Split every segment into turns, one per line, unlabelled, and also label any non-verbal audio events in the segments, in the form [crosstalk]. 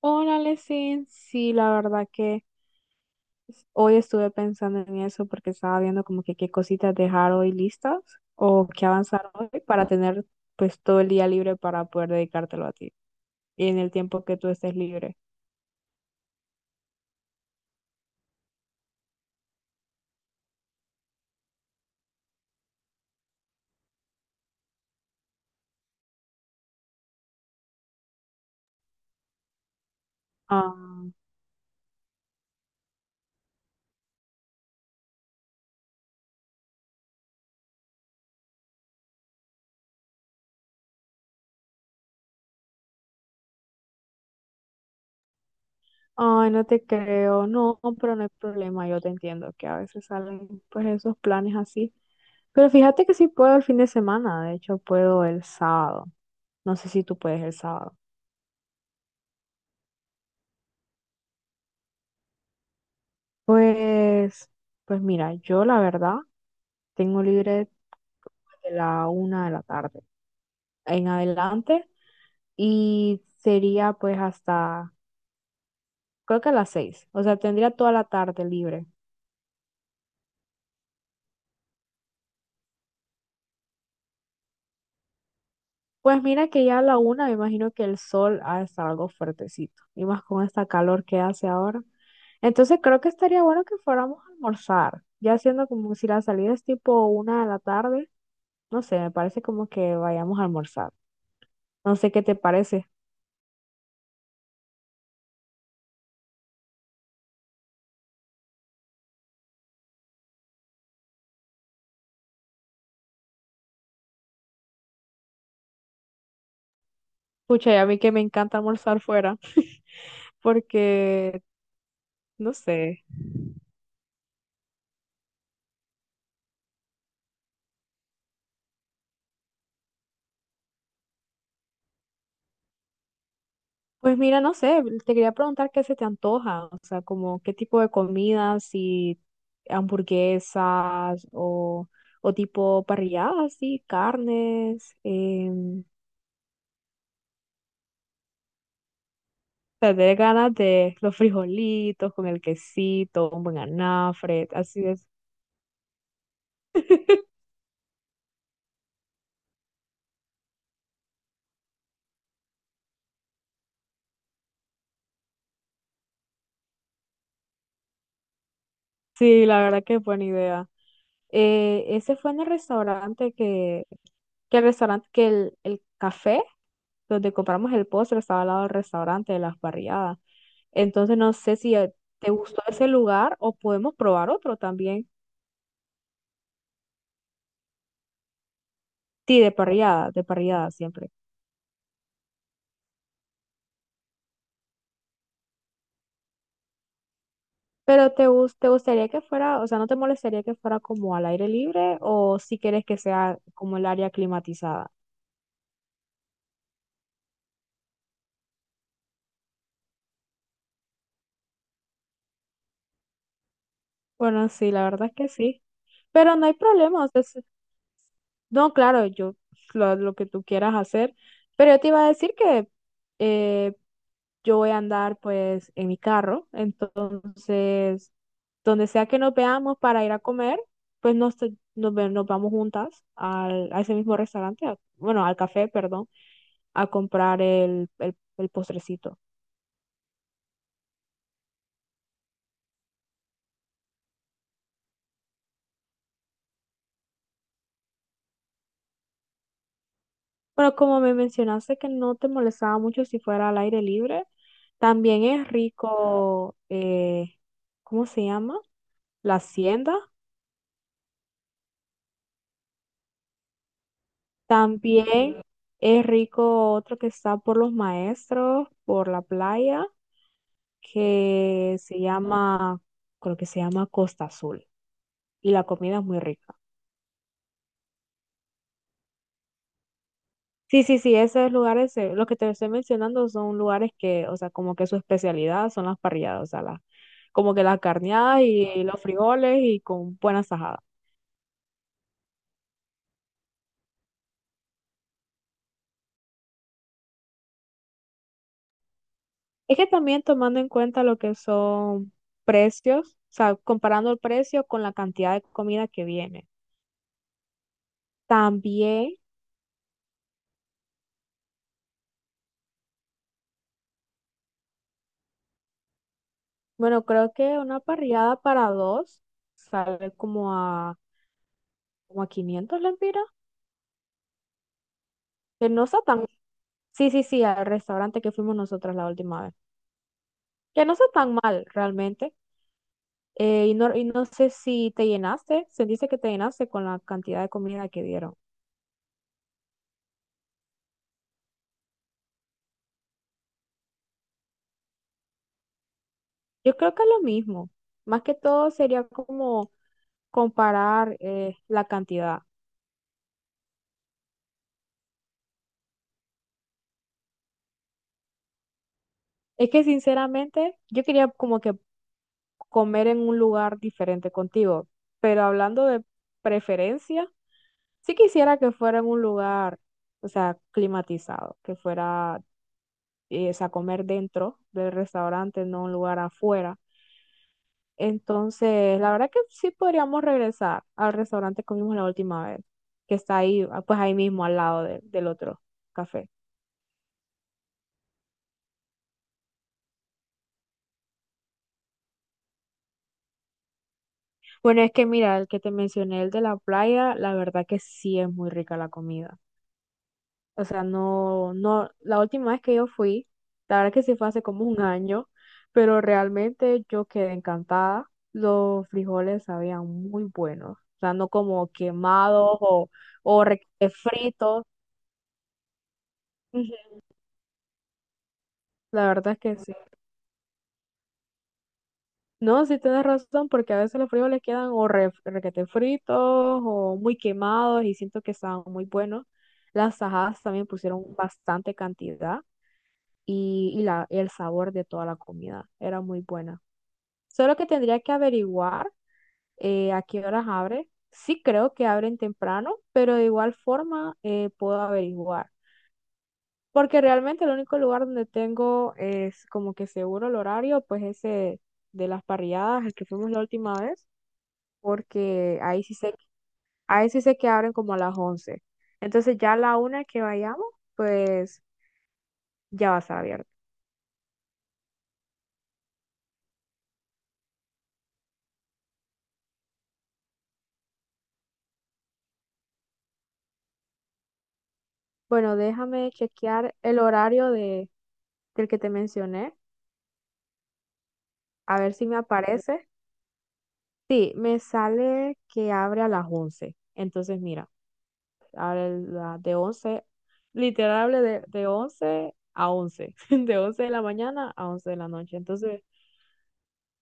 Hola, Lesin. Sí, la verdad que hoy estuve pensando en eso porque estaba viendo como que qué cositas dejar hoy listas o qué avanzar hoy para tener pues todo el día libre para poder dedicártelo a ti y en el tiempo que tú estés libre. Ah, ay, no te creo, no, pero no hay problema, yo te entiendo que a veces salen pues esos planes así. Pero fíjate que sí puedo el fin de semana, de hecho puedo el sábado. No sé si tú puedes el sábado. Pues, pues mira, yo la verdad tengo libre de la 1 de la tarde en adelante y sería pues hasta, creo que a las 6, o sea, tendría toda la tarde libre. Pues mira que ya a la 1 me imagino que el sol ha de estar algo fuertecito y más con esta calor que hace ahora. Entonces creo que estaría bueno que fuéramos a almorzar, ya siendo como si la salida es tipo 1 de la tarde, no sé, me parece como que vayamos a almorzar. No sé qué te parece. Pucha, y a mí que me encanta almorzar fuera, porque, no sé. Pues mira, no sé, te quería preguntar qué se te antoja, o sea, como qué tipo de comidas, si hamburguesas o tipo parrilladas, sí, carnes. Te dé ganas de los frijolitos con el quesito, un buen anafre, así es. [laughs] Sí, la verdad que es buena idea. Ese fue en el restaurante que el restaurante, que el café donde compramos el postre estaba al lado del restaurante de las parrilladas. Entonces no sé si te gustó ese lugar o podemos probar otro también. Sí, de parrillada siempre. Pero te gustaría que fuera, o sea, ¿no te molestaría que fuera como al aire libre o si quieres que sea como el área climatizada? Bueno, sí, la verdad es que sí. Pero no hay problema, o sea, si no, claro, yo lo que tú quieras hacer, pero yo te iba a decir que eh, yo voy a andar pues en mi carro, entonces donde sea que nos veamos para ir a comer, pues nos, te- nos, ve- nos vamos juntas a ese mismo restaurante, bueno, al café, perdón, a comprar el postrecito. Bueno, como me mencionaste que no te molestaba mucho si fuera al aire libre, también es rico, ¿cómo se llama? La Hacienda. También es rico otro que está por los maestros, por la playa, que se llama, creo que se llama Costa Azul. Y la comida es muy rica. Sí, sí, sí, esos lugares, los que te estoy mencionando son lugares que, o sea, como que su especialidad son las parrilladas, o sea, las, como que las carneadas y los frijoles y con buenas tajadas. Es que también tomando en cuenta lo que son precios, o sea, comparando el precio con la cantidad de comida que viene. También. Bueno, creo que una parrillada para dos sale como a, como a 500 lempiras, que no está tan... Sí, sí, sí, al restaurante que fuimos nosotras la última vez, que no está tan mal realmente. Y no sé si te llenaste, se dice que te llenaste con la cantidad de comida que dieron. Yo creo que es lo mismo, más que todo sería como comparar la cantidad. Es que sinceramente yo quería como que comer en un lugar diferente contigo. Pero hablando de preferencia, sí quisiera que fuera en un lugar, o sea, climatizado, que fuera, o sea, comer dentro del restaurante, no un lugar afuera. Entonces, la verdad que sí podríamos regresar al restaurante que comimos la última vez, que está ahí, ah, pues ahí mismo al lado del otro café. Bueno, es que mira, el que te mencioné, el de la playa, la verdad que sí es muy rica la comida. O sea, no, no, la última vez que yo fui, la verdad que sí fue hace como un año, pero realmente yo quedé encantada. Los frijoles sabían muy buenos, o sea, no como quemados o fritos. Ujú, la verdad es que sí. No, sí tienes razón, porque a veces los frijoles quedan o requete fritos o muy quemados y siento que estaban muy buenos. Las tajadas también pusieron bastante cantidad y la, el sabor de toda la comida era muy buena. Solo que tendría que averiguar a qué horas abre. Sí creo que abren temprano, pero de igual forma puedo averiguar. Porque realmente el único lugar donde tengo es como que seguro el horario, pues ese de las parrilladas, el que fuimos la última vez, porque ahí sí sé que abren como a las 11. Entonces ya a la 1 que vayamos, pues ya va a estar abierto. Bueno, déjame chequear el horario del que te mencioné, a ver si me aparece. Sí, me sale que abre a las 11. Entonces, mira, abre de 11, literal abre de 11 a 11, [laughs] de 11 de la mañana a 11 de la noche. Entonces,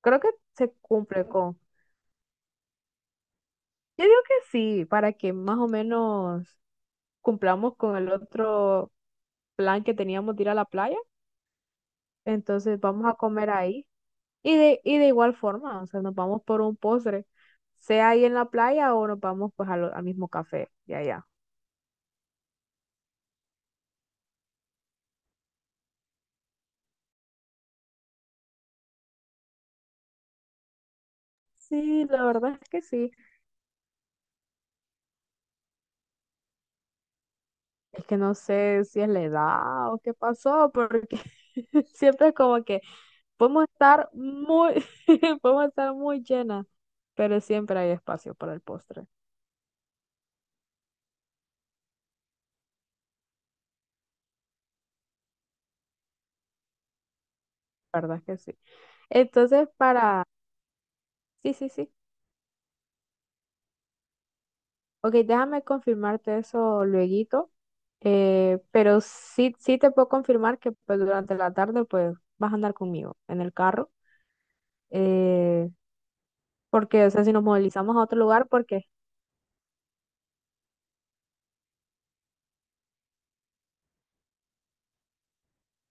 creo que se cumple con, yo digo que sí, para que más o menos cumplamos con el otro plan que teníamos de ir a la playa. Entonces, vamos a comer ahí. Y de igual forma, o sea, nos vamos por un postre, sea ahí en la playa o nos vamos pues a al mismo café de allá. Sí, la verdad es que sí. Es que no sé si es la edad o qué pasó, porque [laughs] siempre es como que podemos estar muy, [laughs] podemos estar muy llenas, pero siempre hay espacio para el postre. La verdad es que sí. Entonces, para... Sí, sí, sí. Ok, déjame confirmarte eso lueguito, pero sí, sí te puedo confirmar que pues, durante la tarde pues vas a andar conmigo en el carro, eh, porque, o sea, si nos movilizamos a otro lugar, porque...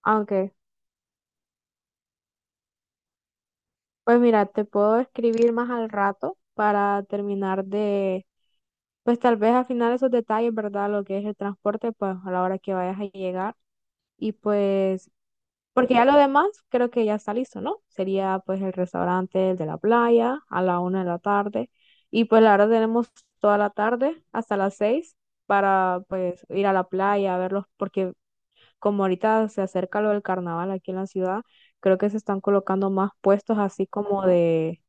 aunque, pues mira, te puedo escribir más al rato para terminar de, pues tal vez afinar esos detalles, ¿verdad? Lo que es el transporte, pues a la hora que vayas a llegar. Y pues, porque ya lo demás creo que ya está listo, ¿no? Sería pues el restaurante, el de la playa, a la 1 de la tarde. Y pues la verdad tenemos toda la tarde hasta las 6 para pues ir a la playa, a verlos, porque como ahorita se acerca lo del carnaval aquí en la ciudad, creo que se están colocando más puestos así como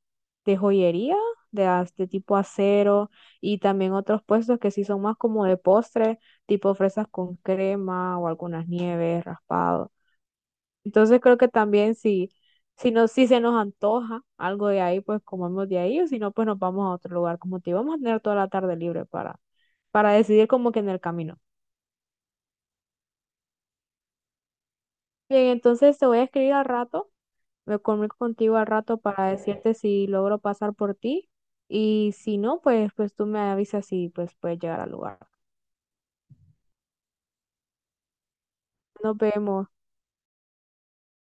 de joyería, de tipo acero, y también otros puestos que sí son más como de postre, tipo fresas con crema o algunas nieves, raspado. Entonces creo que también si, no, si se nos antoja algo de ahí, pues comemos de ahí, o si no, pues nos vamos a otro lugar. Como te digo, vamos a tener toda la tarde libre para decidir como que en el camino. Bien, entonces te voy a escribir al rato. Me comunico contigo al rato para decirte si logro pasar por ti y si no, pues, pues tú me avisas y pues puedes llegar al lugar. Nos vemos.